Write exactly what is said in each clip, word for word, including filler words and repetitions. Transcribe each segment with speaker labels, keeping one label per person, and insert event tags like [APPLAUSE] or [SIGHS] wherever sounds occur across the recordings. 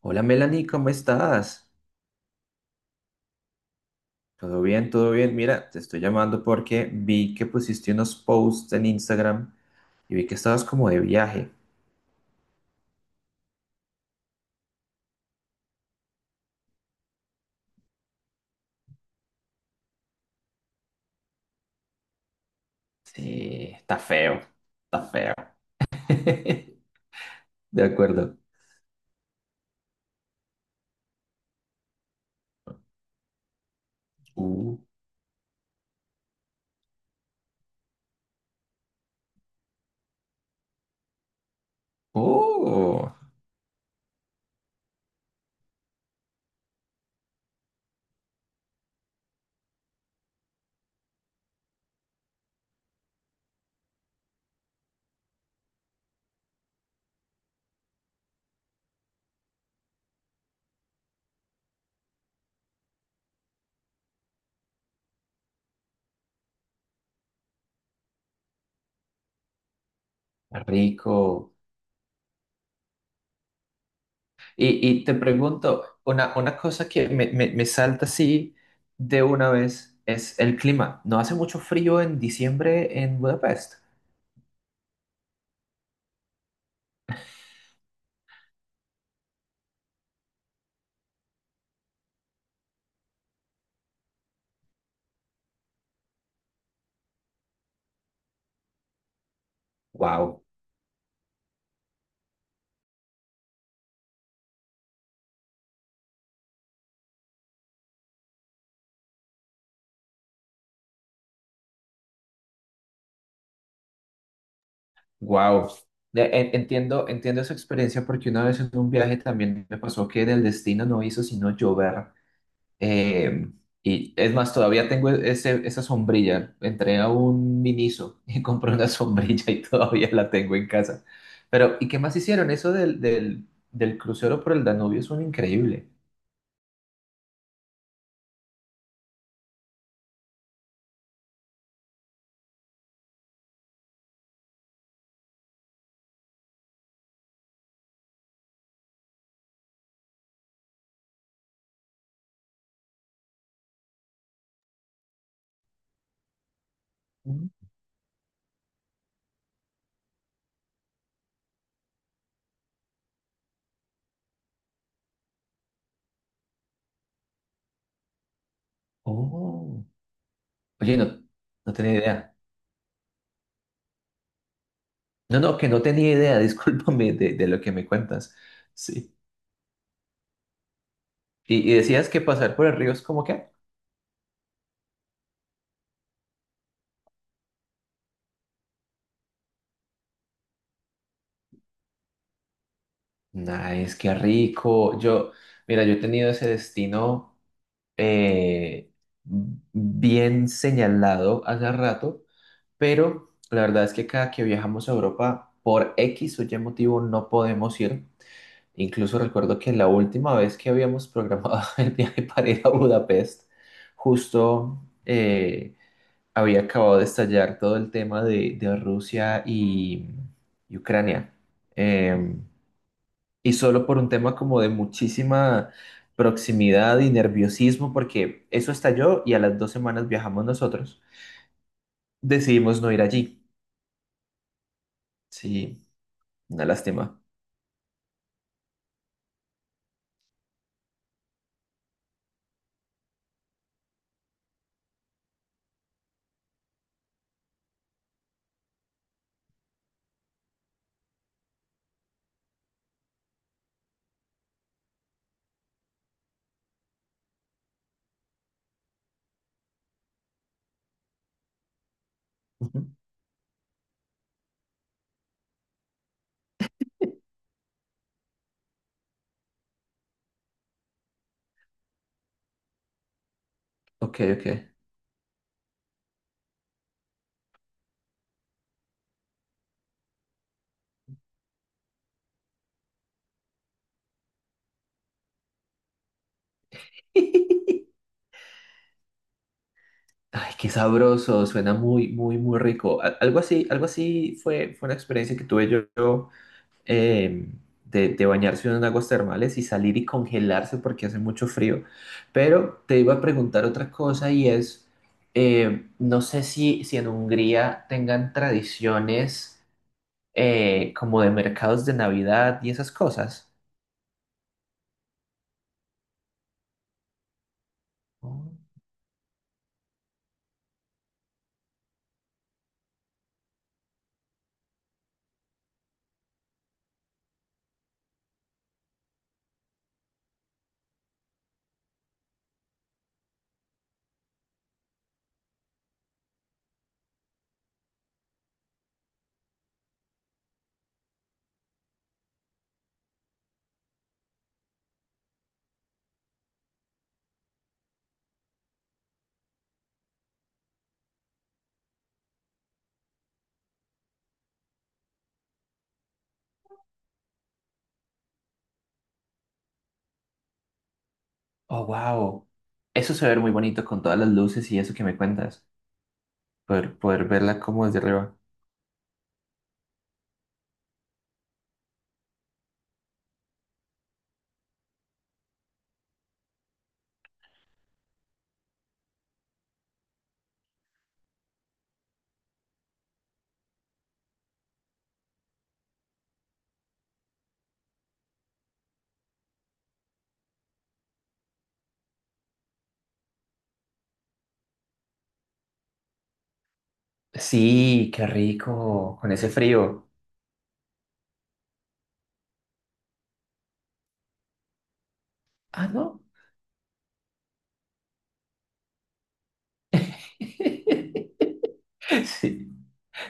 Speaker 1: Hola Melanie, ¿cómo estás? Todo bien, todo bien. Mira, te estoy llamando porque vi que pusiste unos posts en Instagram y vi que estabas como de viaje. Sí, está feo, está feo. [LAUGHS] De acuerdo. Uh, oh, rico. Y, y te pregunto, una, una cosa que me, me, me salta así de una vez es el clima. ¿No hace mucho frío en diciembre en Budapest? Wow. Wow. Entiendo, entiendo esa experiencia porque una vez en un viaje también me pasó que el destino no hizo sino llover. Eh, y es más, todavía tengo ese, esa sombrilla. Entré a un Miniso [LAUGHS] y compré una sombrilla y todavía la tengo en casa. Pero, ¿y qué más hicieron? Eso del, del, del crucero por el Danubio es un increíble. Ujú. Oh, oye, no, no tenía idea. No, no, que no tenía idea, [LAUGHS] discúlpame de, de lo que me cuentas. Sí. Y, y decías que pasar por el río es como que. Nice, qué rico. Yo, mira, yo he tenido ese destino eh, bien señalado hace rato, pero la verdad es que cada que viajamos a Europa, por X o Y motivo, no podemos ir. Incluso recuerdo que la última vez que habíamos programado [LAUGHS] el viaje para ir a Budapest, justo eh, había acabado de estallar todo el tema de, de Rusia y, y Ucrania. Em, y solo por un tema como de muchísima proximidad y nerviosismo, porque eso estalló y a las dos semanas viajamos nosotros. Decidimos no ir allí. Sí, una lástima. Ujú. Ok, ok. [LAUGHS] Ay, qué sabroso, suena muy, muy, muy rico. Al- Algo así, algo así fue, fue una experiencia que tuve yo eh, de, de bañarse en aguas termales y salir y congelarse porque hace mucho frío. Pero te iba a preguntar otra cosa y es, eh, no sé si, si en Hungría tengan tradiciones eh, como de mercados de Navidad y esas cosas. Oh, wow. Eso se ve muy bonito con todas las luces y eso que me cuentas. Poder, poder verla como desde arriba. Sí, qué rico, con ese frío. Ah, no. [LAUGHS] Sí.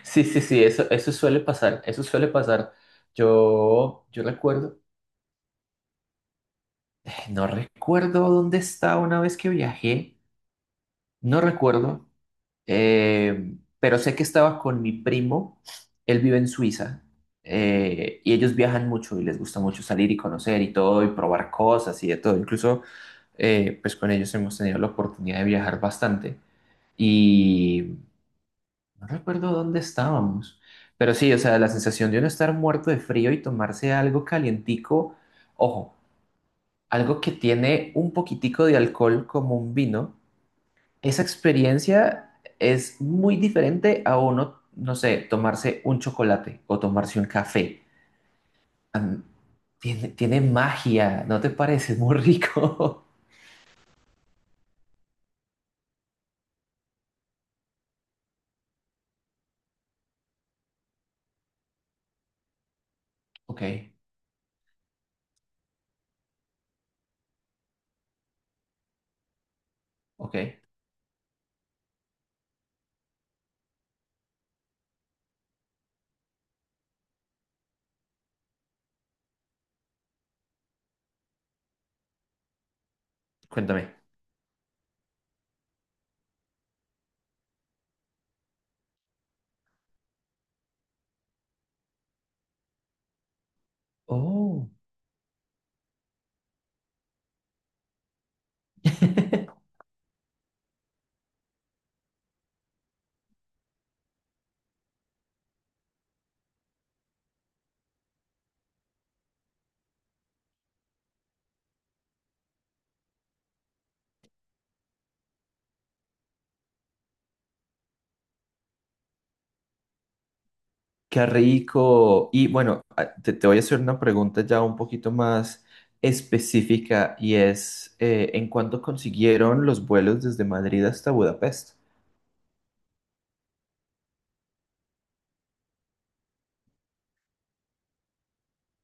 Speaker 1: Sí, sí, sí, eso, eso suele pasar, eso suele pasar. Yo, yo recuerdo, [SIGHS] eh, no recuerdo dónde estaba una vez que viajé, no recuerdo, eh, pero sé que estaba con mi primo, él vive en Suiza, eh, y ellos viajan mucho y les gusta mucho salir y conocer y todo y probar cosas y de todo. Incluso, eh, pues con ellos hemos tenido la oportunidad de viajar bastante. No recuerdo dónde estábamos, pero sí, o sea, la sensación de uno estar muerto de frío y tomarse algo calientico, ojo, algo que tiene un poquitico de alcohol como un vino, esa experiencia es muy diferente a uno, no sé, tomarse un chocolate o tomarse un café. Am, Tiene, tiene magia, ¿no te parece? [LAUGHS] Es muy rico. [LAUGHS] Ok, ok, cuéntame. Oh. [LAUGHS] Qué rico. Y bueno, a- te, te voy a hacer una pregunta ya un poquito más específica y es, eh, ¿en cuánto consiguieron los vuelos desde Madrid hasta Budapest?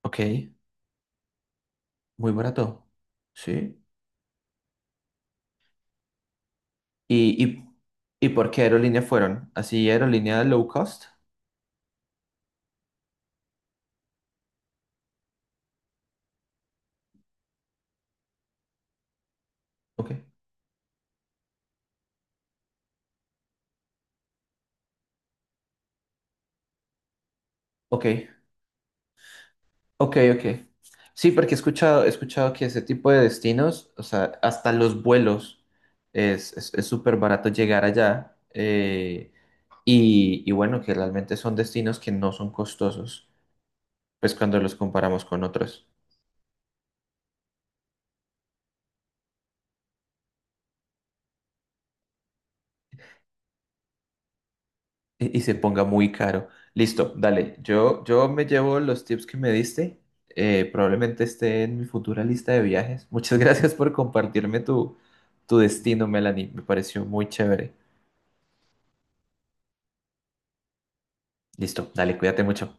Speaker 1: Ok, muy barato. Sí. ¿Y, y, y por qué aerolínea fueron? ¿Así aerolínea low cost? Ok, ok, ok, ok. Sí, porque he escuchado, he escuchado que ese tipo de destinos, o sea, hasta los vuelos, es es- es súper barato llegar allá. eh, Y, y bueno, que realmente son destinos que no son costosos, pues cuando los comparamos con otros y, y se ponga muy caro. Listo, dale, yo, yo me llevo los tips que me diste, eh, probablemente esté en mi futura lista de viajes. Muchas [LAUGHS] gracias por compartirme tu, tu destino, Melanie, me pareció muy chévere. Listo, dale, cuídate mucho.